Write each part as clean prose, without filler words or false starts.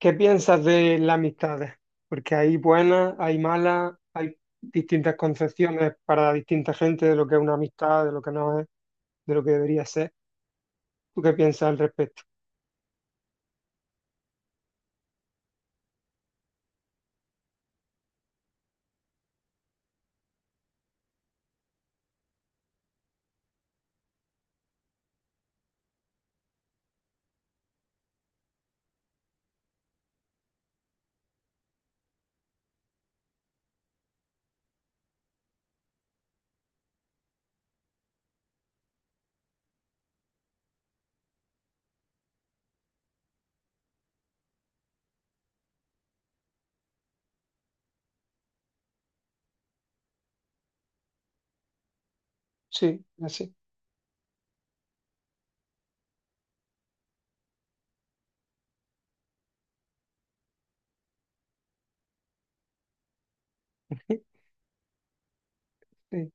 ¿Qué piensas de las amistades? Porque hay buenas, hay malas, hay distintas concepciones para distinta gente de lo que es una amistad, de lo que no es, de lo que debería ser. ¿Tú qué piensas al respecto? Sí, así. Sí,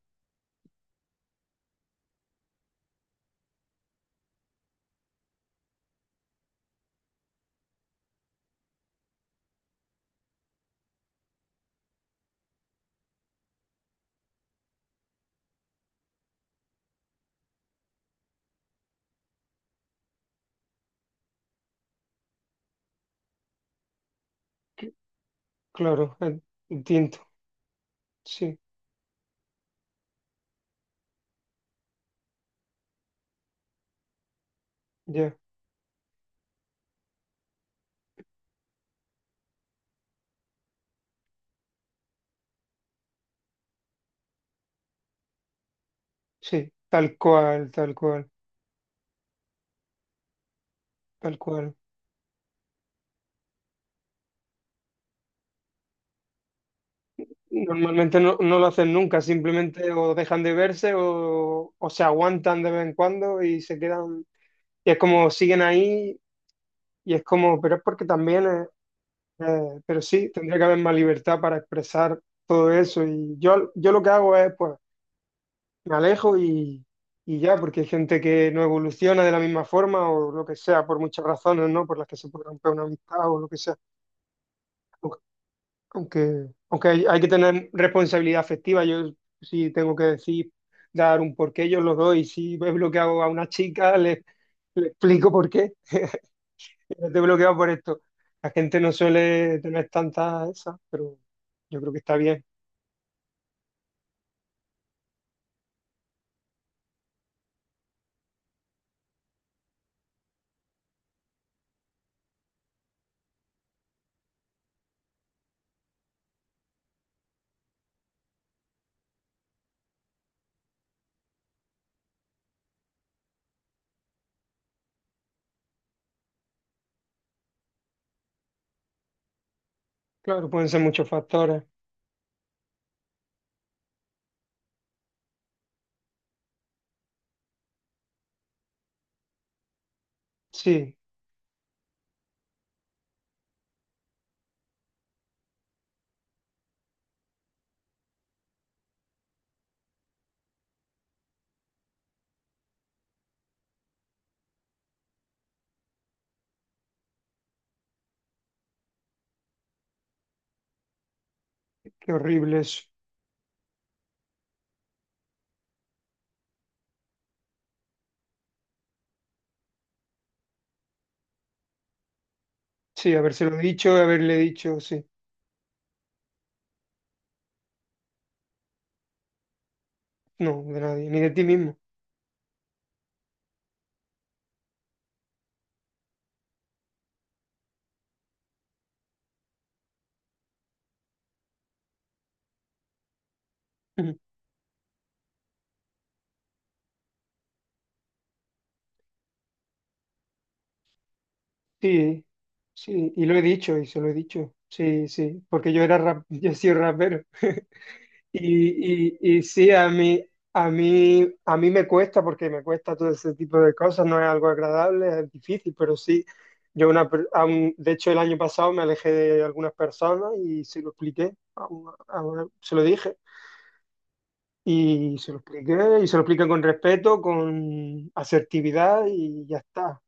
claro, es distinto. Sí, ya. Sí, tal cual, tal cual, tal cual. Normalmente no, no lo hacen nunca, simplemente o dejan de verse o se aguantan de vez en cuando y se quedan. Y es como siguen ahí y es como, pero es porque también es. Pero sí, tendría que haber más libertad para expresar todo eso. Yo lo que hago es, pues, me alejo y ya, porque hay gente que no evoluciona de la misma forma o lo que sea, por muchas razones, ¿no? Por las que se puede romper una amistad o lo que sea. Aunque, aunque hay, hay que tener responsabilidad afectiva, yo sí tengo que decir, dar un porqué, yo lo doy. Si ves lo que hago a una chica, le explico por qué. Te bloqueado por esto. La gente no suele tener tantas esas, pero yo creo que está bien. Claro, pueden ser muchos factores. Sí, qué horrible eso. Sí, habérselo dicho, haberle dicho, sí. No, de nadie, ni de ti mismo. Ujú. Sí, sí, y lo he dicho, y se lo he dicho. Sí, sí, porque yo era rap, yo he sido rapero. Y sí, a mí me cuesta porque me cuesta todo ese tipo de cosas, no es algo agradable, es difícil, pero sí, yo una, a de hecho el año pasado me alejé de algunas personas y se lo expliqué, a a se lo dije y se lo expliqué y se lo expliqué con respeto, con asertividad y ya está.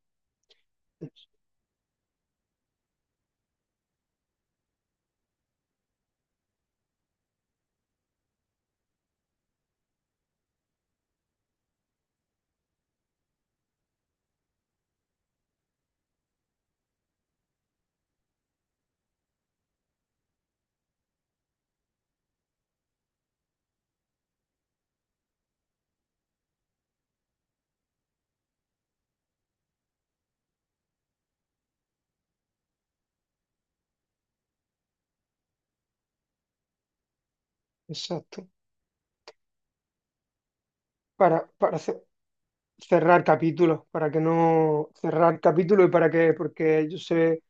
Exacto. Para cerrar capítulos, para que no cerrar capítulos y para que, porque yo sé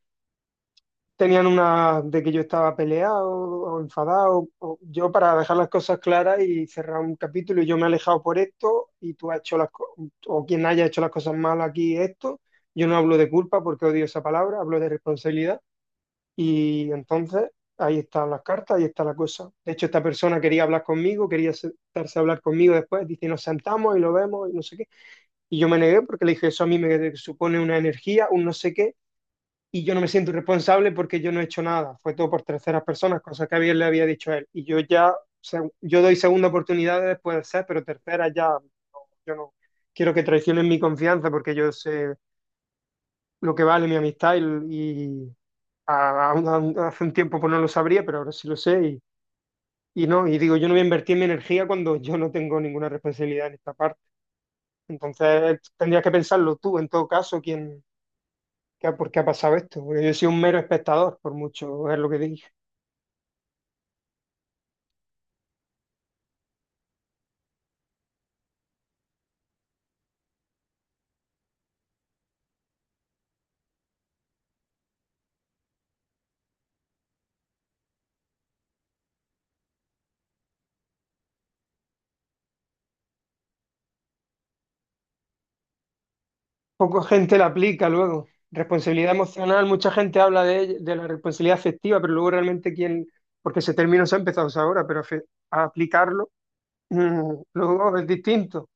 tenían una de que yo estaba peleado o enfadado. Yo para dejar las cosas claras y cerrar un capítulo y yo me he alejado por esto y tú has hecho las o quien haya hecho las cosas mal aquí esto. Yo no hablo de culpa porque odio esa palabra, hablo de responsabilidad. Y entonces ahí están las cartas, ahí está la cosa. De hecho, esta persona quería hablar conmigo, quería sentarse a hablar conmigo después. Dice, nos sentamos y lo vemos y no sé qué. Y yo me negué porque le dije, eso a mí me supone una energía, un no sé qué y yo no me siento responsable porque yo no he hecho nada, fue todo por terceras personas, cosa que bien le había dicho a él. Y yo ya, o sea, yo doy segunda oportunidad después de ser, pero tercera ya, no, yo no quiero que traicionen mi confianza porque yo sé lo que vale mi amistad y hace un tiempo pues no lo sabría, pero ahora sí lo sé y no, y digo, yo no voy a invertir mi energía cuando yo no tengo ninguna responsabilidad en esta parte. Entonces tendrías que pensarlo tú, en todo caso, quién, por qué ha pasado esto, porque yo soy un mero espectador, por mucho es lo que digo. Poca gente la aplica luego. Responsabilidad emocional, mucha gente habla de, de la responsabilidad afectiva, pero luego realmente quién, porque ese término se ha empezado a usar ahora, pero a aplicarlo luego es distinto.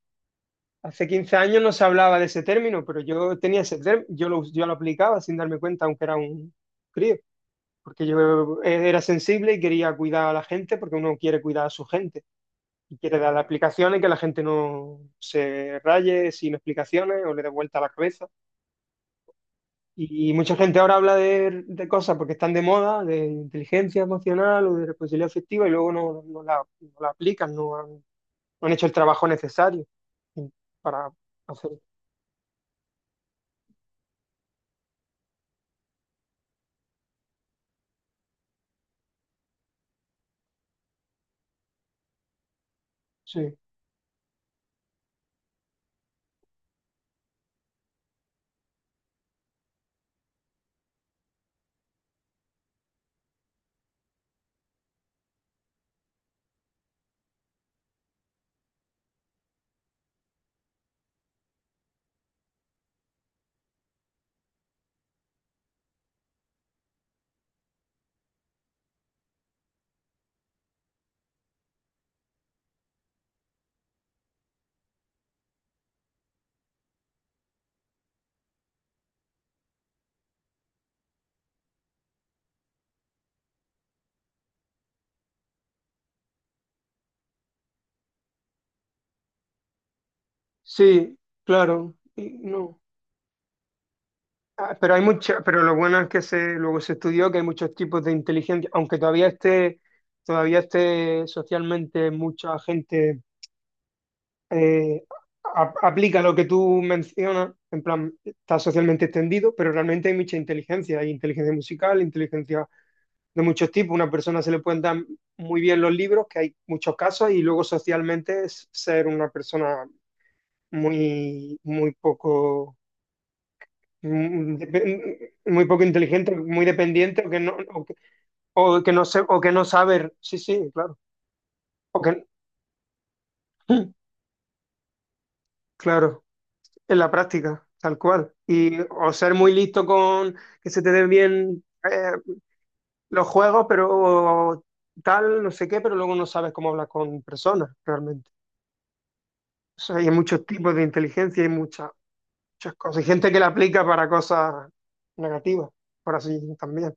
Hace 15 años no se hablaba de ese término, pero yo tenía ese término, yo lo aplicaba sin darme cuenta, aunque era un crío, porque yo era sensible y quería cuidar a la gente, porque uno quiere cuidar a su gente y quiere dar aplicaciones que la gente no se raye sin explicaciones o le dé vuelta a la cabeza. Y mucha gente ahora habla de cosas porque están de moda, de inteligencia emocional o de responsabilidad afectiva, y luego no, no la, no la aplican, no han, no han hecho el trabajo necesario para hacer. Sí, sí, claro. Y no. Ah, pero hay mucha pero lo bueno es que se, luego se estudió que hay muchos tipos de inteligencia, aunque todavía esté socialmente mucha gente eh, aplica lo que tú mencionas, en plan, está socialmente extendido, pero realmente hay mucha inteligencia, hay inteligencia musical, inteligencia de muchos tipos. Una persona se le pueden dar muy bien los libros, que hay muchos casos, y luego socialmente es ser una persona muy, muy poco... muy poco inteligente, muy dependiente, o que no sé, o que no saber, sí, sí, claro, o que, claro. En la práctica, tal cual. Y o ser muy listo con que se te den bien eh, los juegos, pero tal, no sé qué, pero luego no sabes cómo hablar con personas realmente. O sea, hay muchos tipos de inteligencia y muchas, muchas cosas. Hay gente que la aplica para cosas negativas, por así también.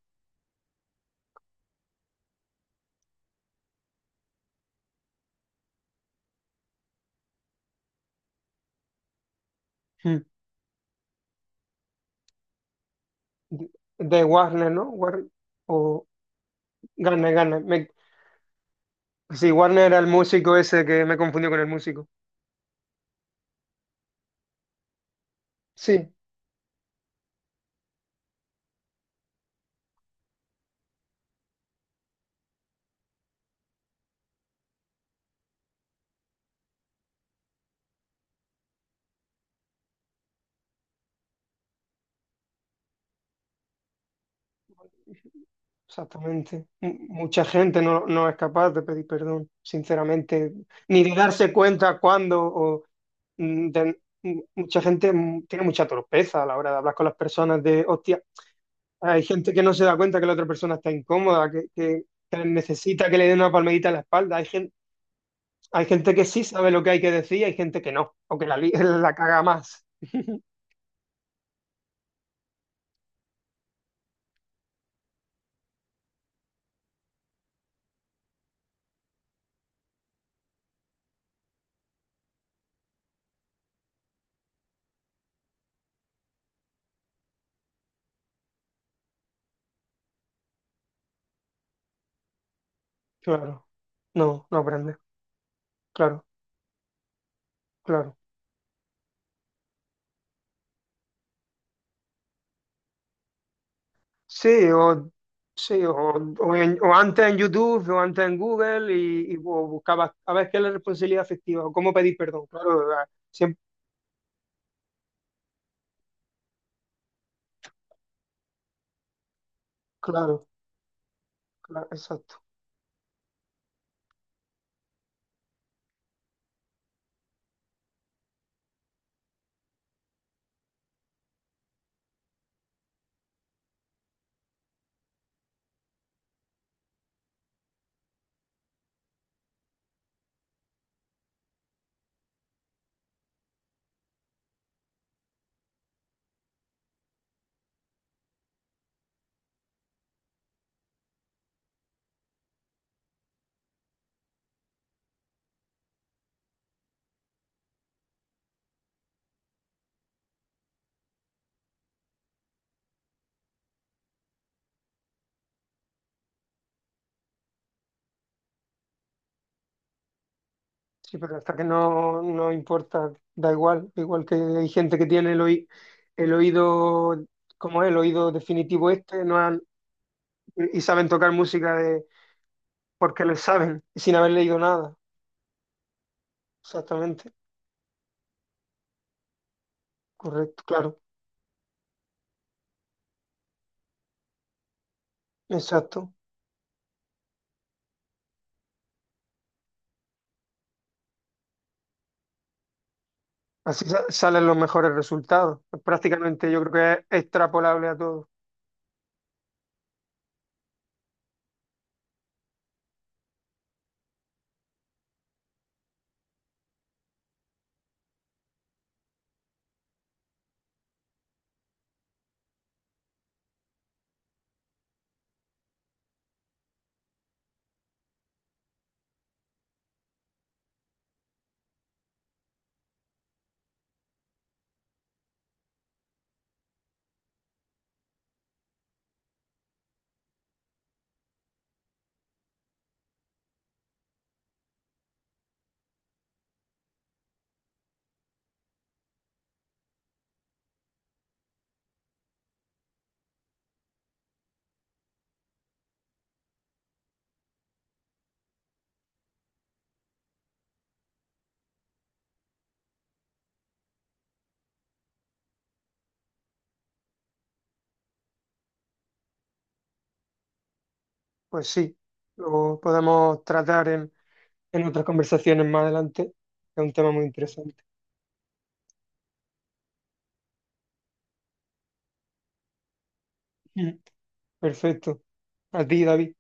Mm. ¿De Warner, no? O Garner, Garner. Sí, Warner era el músico ese que me confundió con el músico. Sí. Exactamente. Mucha gente no, no es capaz de pedir perdón, sinceramente, ni de darse cuenta cuándo. O, mucha gente tiene mucha torpeza a la hora de hablar con las personas de, hostia, hay gente que no se da cuenta que la otra persona está incómoda, que, que necesita que le den una palmadita en la espalda. Hay gente que sí sabe lo que hay que decir, hay gente que no, o que la, la caga más. Claro, no, no aprende. Claro, claro. Sí, o, sí, o o antes en YouTube, o antes en Google, y buscabas a ver qué es la responsabilidad afectiva, o cómo pedir perdón, claro, siempre, claro, claro, exacto. Sí, pero hasta que no, no importa, da igual, igual que hay gente que tiene el, el oído, como es, el oído definitivo este, no han- y saben tocar música de, porque les saben, sin haber leído nada, exactamente, correcto, claro, exacto. Así salen los mejores resultados. Prácticamente yo creo que es extrapolable a todo. Pues sí, lo podemos tratar en otras conversaciones más adelante. Es un tema muy interesante. Mm. Perfecto. A ti, David.